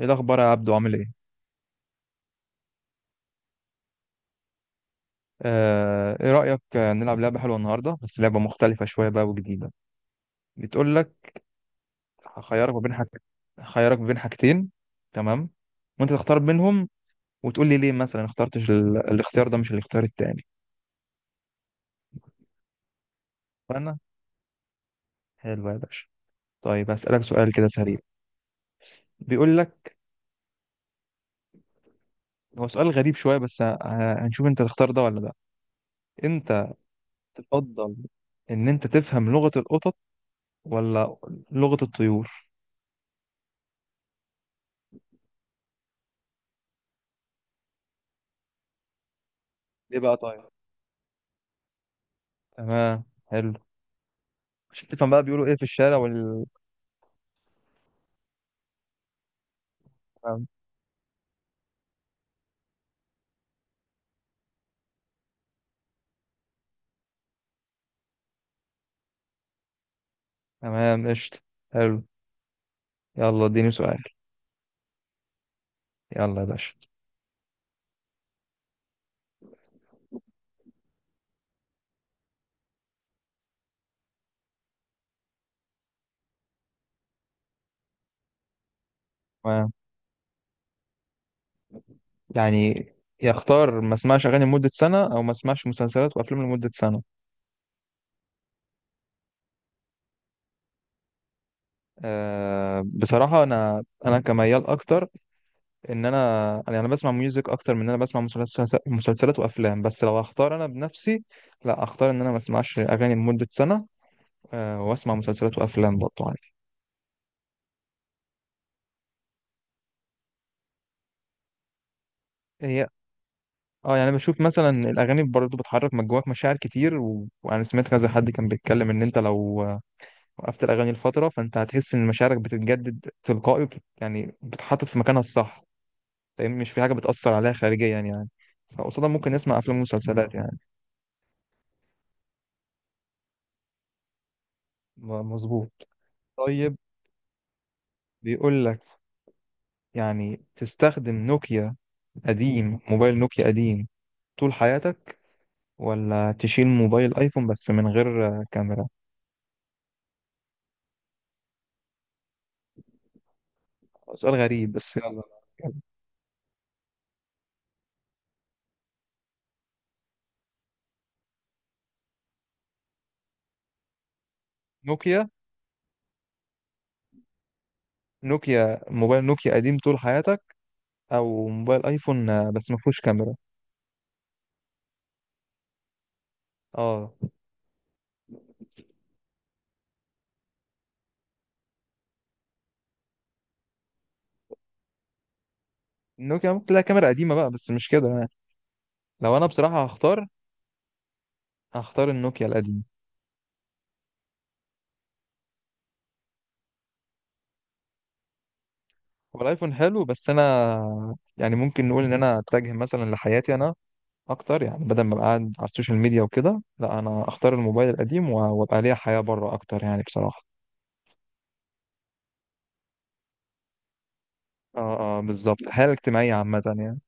ايه الاخبار يا عبدو، عامل ايه؟ ايه رايك نلعب لعبه حلوه النهارده، بس لعبه مختلفه شويه بقى وجديده. بتقول لك، هخيرك ما بين حاج هخيرك ما بين حاجتين، تمام؟ وانت تختار بينهم وتقول لي ليه مثلا اخترتش الاختيار ده مش الاختيار التاني. فانا حلو يا باشا. طيب، هسالك سؤال كده سريع. بيقول لك، هو سؤال غريب شويه بس هنشوف انت تختار ده ولا ده. انت تفضل ان انت تفهم لغه القطط ولا لغه الطيور؟ ليه بقى؟ طيب، تمام، حلو. مش تفهم بقى بيقولوا ايه في الشارع تمام، تمام، قشطة، حلو. يلا اديني سؤال. يلا يا باشا. تمام، يعني يختار ما اسمعش اغاني لمدة سنة او ما اسمعش مسلسلات وافلام لمدة سنة؟ بصراحة انا كميال اكتر، ان انا يعني انا بسمع ميوزك اكتر من ان انا بسمع مسلسلات وافلام، بس لو اختار انا بنفسي لا اختار ان انا ما اسمعش اغاني لمدة سنة. واسمع مسلسلات وافلام برضه عادي. هي اه يعني بشوف مثلا الاغاني برضه بتحرك من جواك مشاعر كتير، وانا سمعت كذا حد كان بيتكلم ان انت لو وقفت الاغاني لفتره، فانت هتحس ان مشاعرك بتتجدد تلقائي يعني بتحطت في مكانها الصح، فاهم؟ مش في حاجه بتاثر عليها خارجيا يعني. فقصادها ممكن نسمع افلام ومسلسلات يعني. مظبوط. طيب، بيقول لك، يعني تستخدم نوكيا قديم موبايل نوكيا قديم طول حياتك، ولا تشيل موبايل ايفون بس من غير كاميرا؟ سؤال غريب بس يلا. نوكيا، موبايل نوكيا قديم طول حياتك، او موبايل ايفون بس ما فيهوش كاميرا؟ اه، النوكيا ممكن تلاقي كاميرا قديمه بقى، بس مش كده يعني. لو انا بصراحه هختار النوكيا القديم. هو الايفون حلو، بس انا يعني ممكن نقول ان انا اتجه مثلا لحياتي انا اكتر، يعني بدل ما ابقى قاعد على السوشيال ميديا وكده، لا انا اختار الموبايل القديم وابقى ليا حياه بره اكتر يعني بصراحه. اه اه، بالظبط، الحياه الاجتماعيه عامه يعني.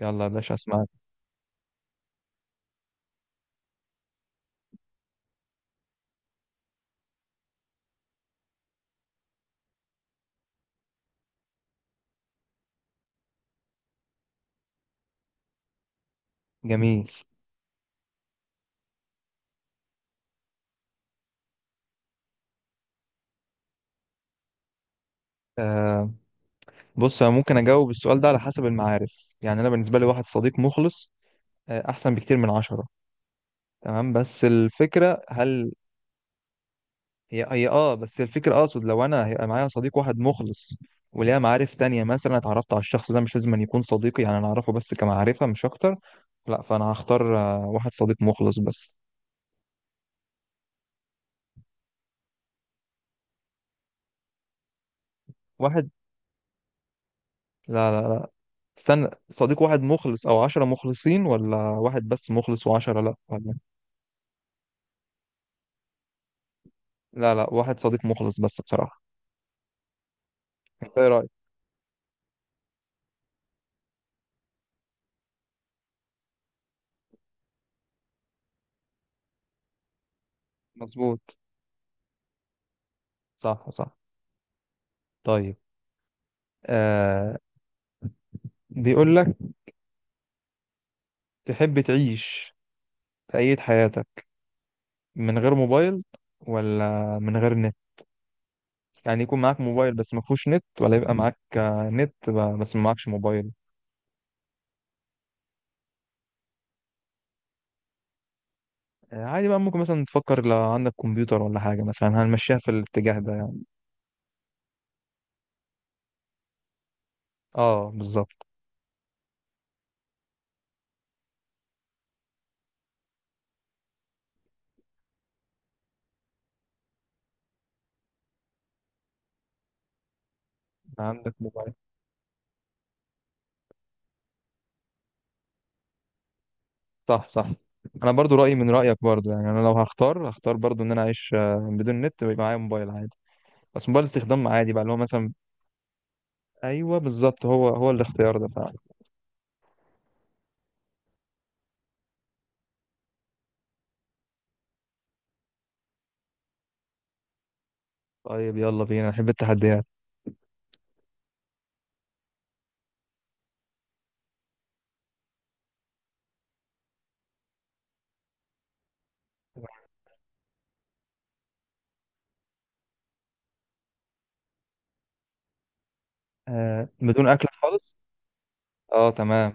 يلا يا باشا، اسمعك. جميل. آه بص انا ممكن اجاوب السؤال ده على حسب المعارف. يعني انا بالنسبه لي واحد صديق مخلص احسن بكتير من 10. تمام، بس الفكره هل هي هي اه بس الفكره اقصد لو انا هيبقى معايا صديق واحد مخلص وليها معارف تانية مثلا اتعرفت على الشخص ده، مش لازم أن يكون صديقي، يعني انا اعرفه بس كمعرفه مش اكتر. لا، فانا هختار واحد صديق مخلص بس، واحد. لا لا لا، استنى، صديق واحد مخلص او 10 مخلصين، ولا واحد بس مخلص و10؟ لا، ولا. لا لا، واحد صديق مخلص بس بصراحه. انت ايه رايك؟ مظبوط. صح صح. طيب، آه بيقول لك، تحب تعيش في أية حياتك من غير موبايل، ولا من غير نت؟ يعني يكون معاك موبايل بس ما فيهوش نت، ولا يبقى معاك نت بس ما معكش موبايل. عادي بقى، ممكن مثلا تفكر لو عندك كمبيوتر ولا حاجة، مثلا هنمشيها في الاتجاه ده يعني. اه بالظبط، عندك موبايل. صح صح. انا برضو رأيي من رأيك، برضو يعني انا لو هختار برضو ان انا اعيش بدون نت ويبقى معايا موبايل عادي، بس موبايل استخدام عادي بقى، اللي هو مثلا. ايوه بالظبط، هو هو الاختيار ده. طيب، يلا بينا، أنا بحب التحديات. بدون اكل خالص. اه تمام.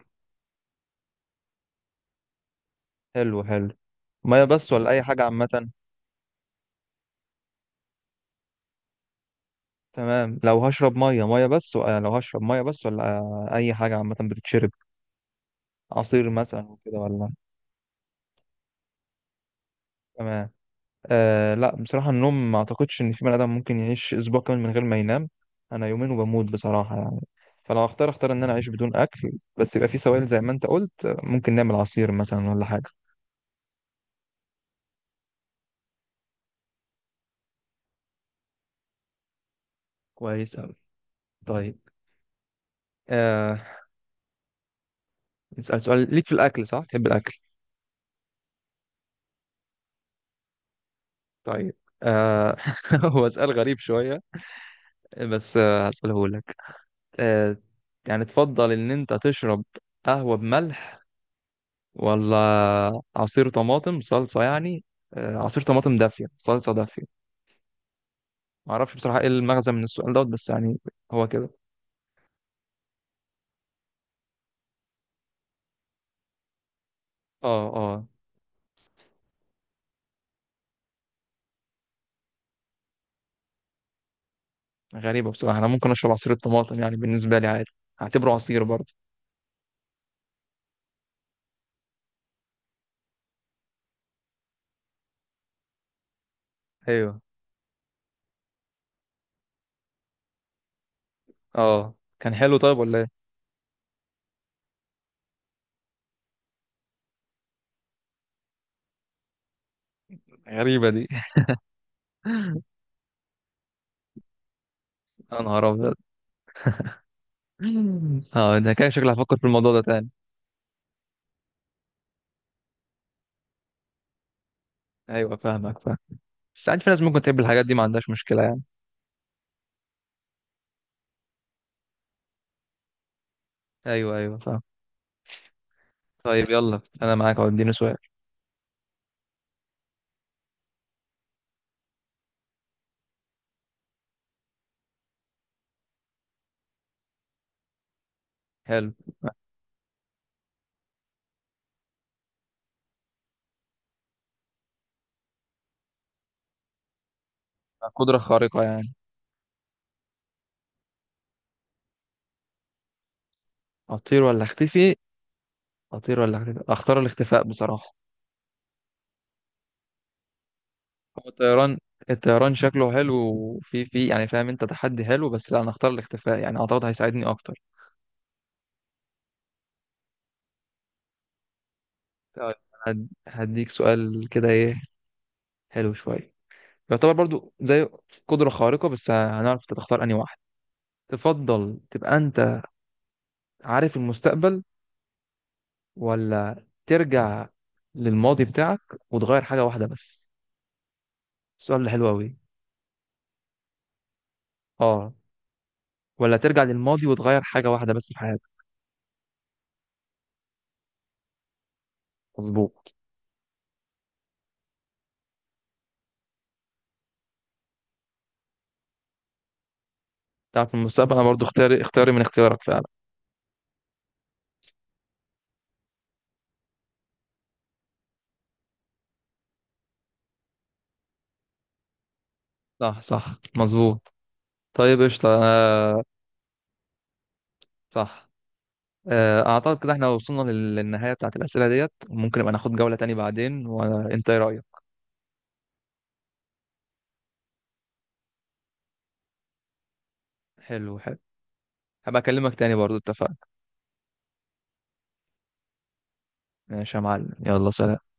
حلو حلو. ميه بس ولا اي حاجه عامه؟ تمام، لو هشرب ميه، ميه بس ولا لو هشرب ميه بس ولا اي حاجه عامه بتتشرب، عصير مثلا وكده ولا؟ تمام. لا بصراحه، النوم ما اعتقدش ان في بني ادم ممكن يعيش اسبوع كامل من غير ما ينام. انا يومين وبموت بصراحه يعني. فلو اختار ان انا اعيش بدون اكل بس يبقى في سوائل زي ما انت قلت، ممكن نعمل عصير مثلا ولا حاجه. كويس أوي. طيب، آه نسأل سؤال ليك في الأكل، صح؟ تحب الأكل. طيب، آه هو سؤال غريب شوية، بس هسأله لك. آه يعني تفضل إن أنت تشرب قهوة بملح، ولا عصير طماطم صلصة يعني؟ عصير طماطم دافية، صلصة دافية. معرفش بصراحة إيه المغزى من السؤال دوت، بس يعني هو كده. آه آه غريبة بصراحة، أنا ممكن أشرب عصير الطماطم، يعني بالنسبة لي عادي، هعتبره عصير برضه. أيوه. آه كان حلو طيب ولا إيه؟ غريبة دي. أنا هرب. اه ده كان شكلي هفكر في الموضوع ده تاني. ايوه فاهمك، فاهم. بس ساعات في ناس ممكن تحب الحاجات دي، ما عندهاش مشكله يعني. ايوه ايوه، فاهم. طيب، يلا انا معاك، اهو اديني سؤال. حلو. قدره خارقه يعني؟ اطير ولا اختفي، اطير ولا اختفي؟ اختار الاختفاء بصراحه. هو الطيران شكله حلو وفي في يعني فاهم، انت تحدي حلو، بس لا انا اختار الاختفاء. يعني اعتقد هيساعدني اكتر. طيب، هديك سؤال كده، ايه، حلو شويه. يعتبر برضو زي قدره خارقه، بس هنعرف انت تختار انهي واحد. تفضل تبقى انت عارف المستقبل، ولا ترجع للماضي بتاعك وتغير حاجة واحدة بس. السؤال ده حلو أوي. اه، ولا ترجع للماضي وتغير حاجة واحدة بس في حياتك. مظبوط. تعرف المستقبل. أنا برضو اختياري من اختيارك فعلا. صح صح، مظبوط. طيب، قشطة. صح. أعتقد كده احنا وصلنا للنهاية بتاعت الأسئلة ديت، وممكن نبقى ناخد جولة تاني بعدين، وأنت إيه رأيك؟ حلو حلو. هبقى أكلمك تاني برضو، اتفقنا. ماشي يا معلم، يلا سلام.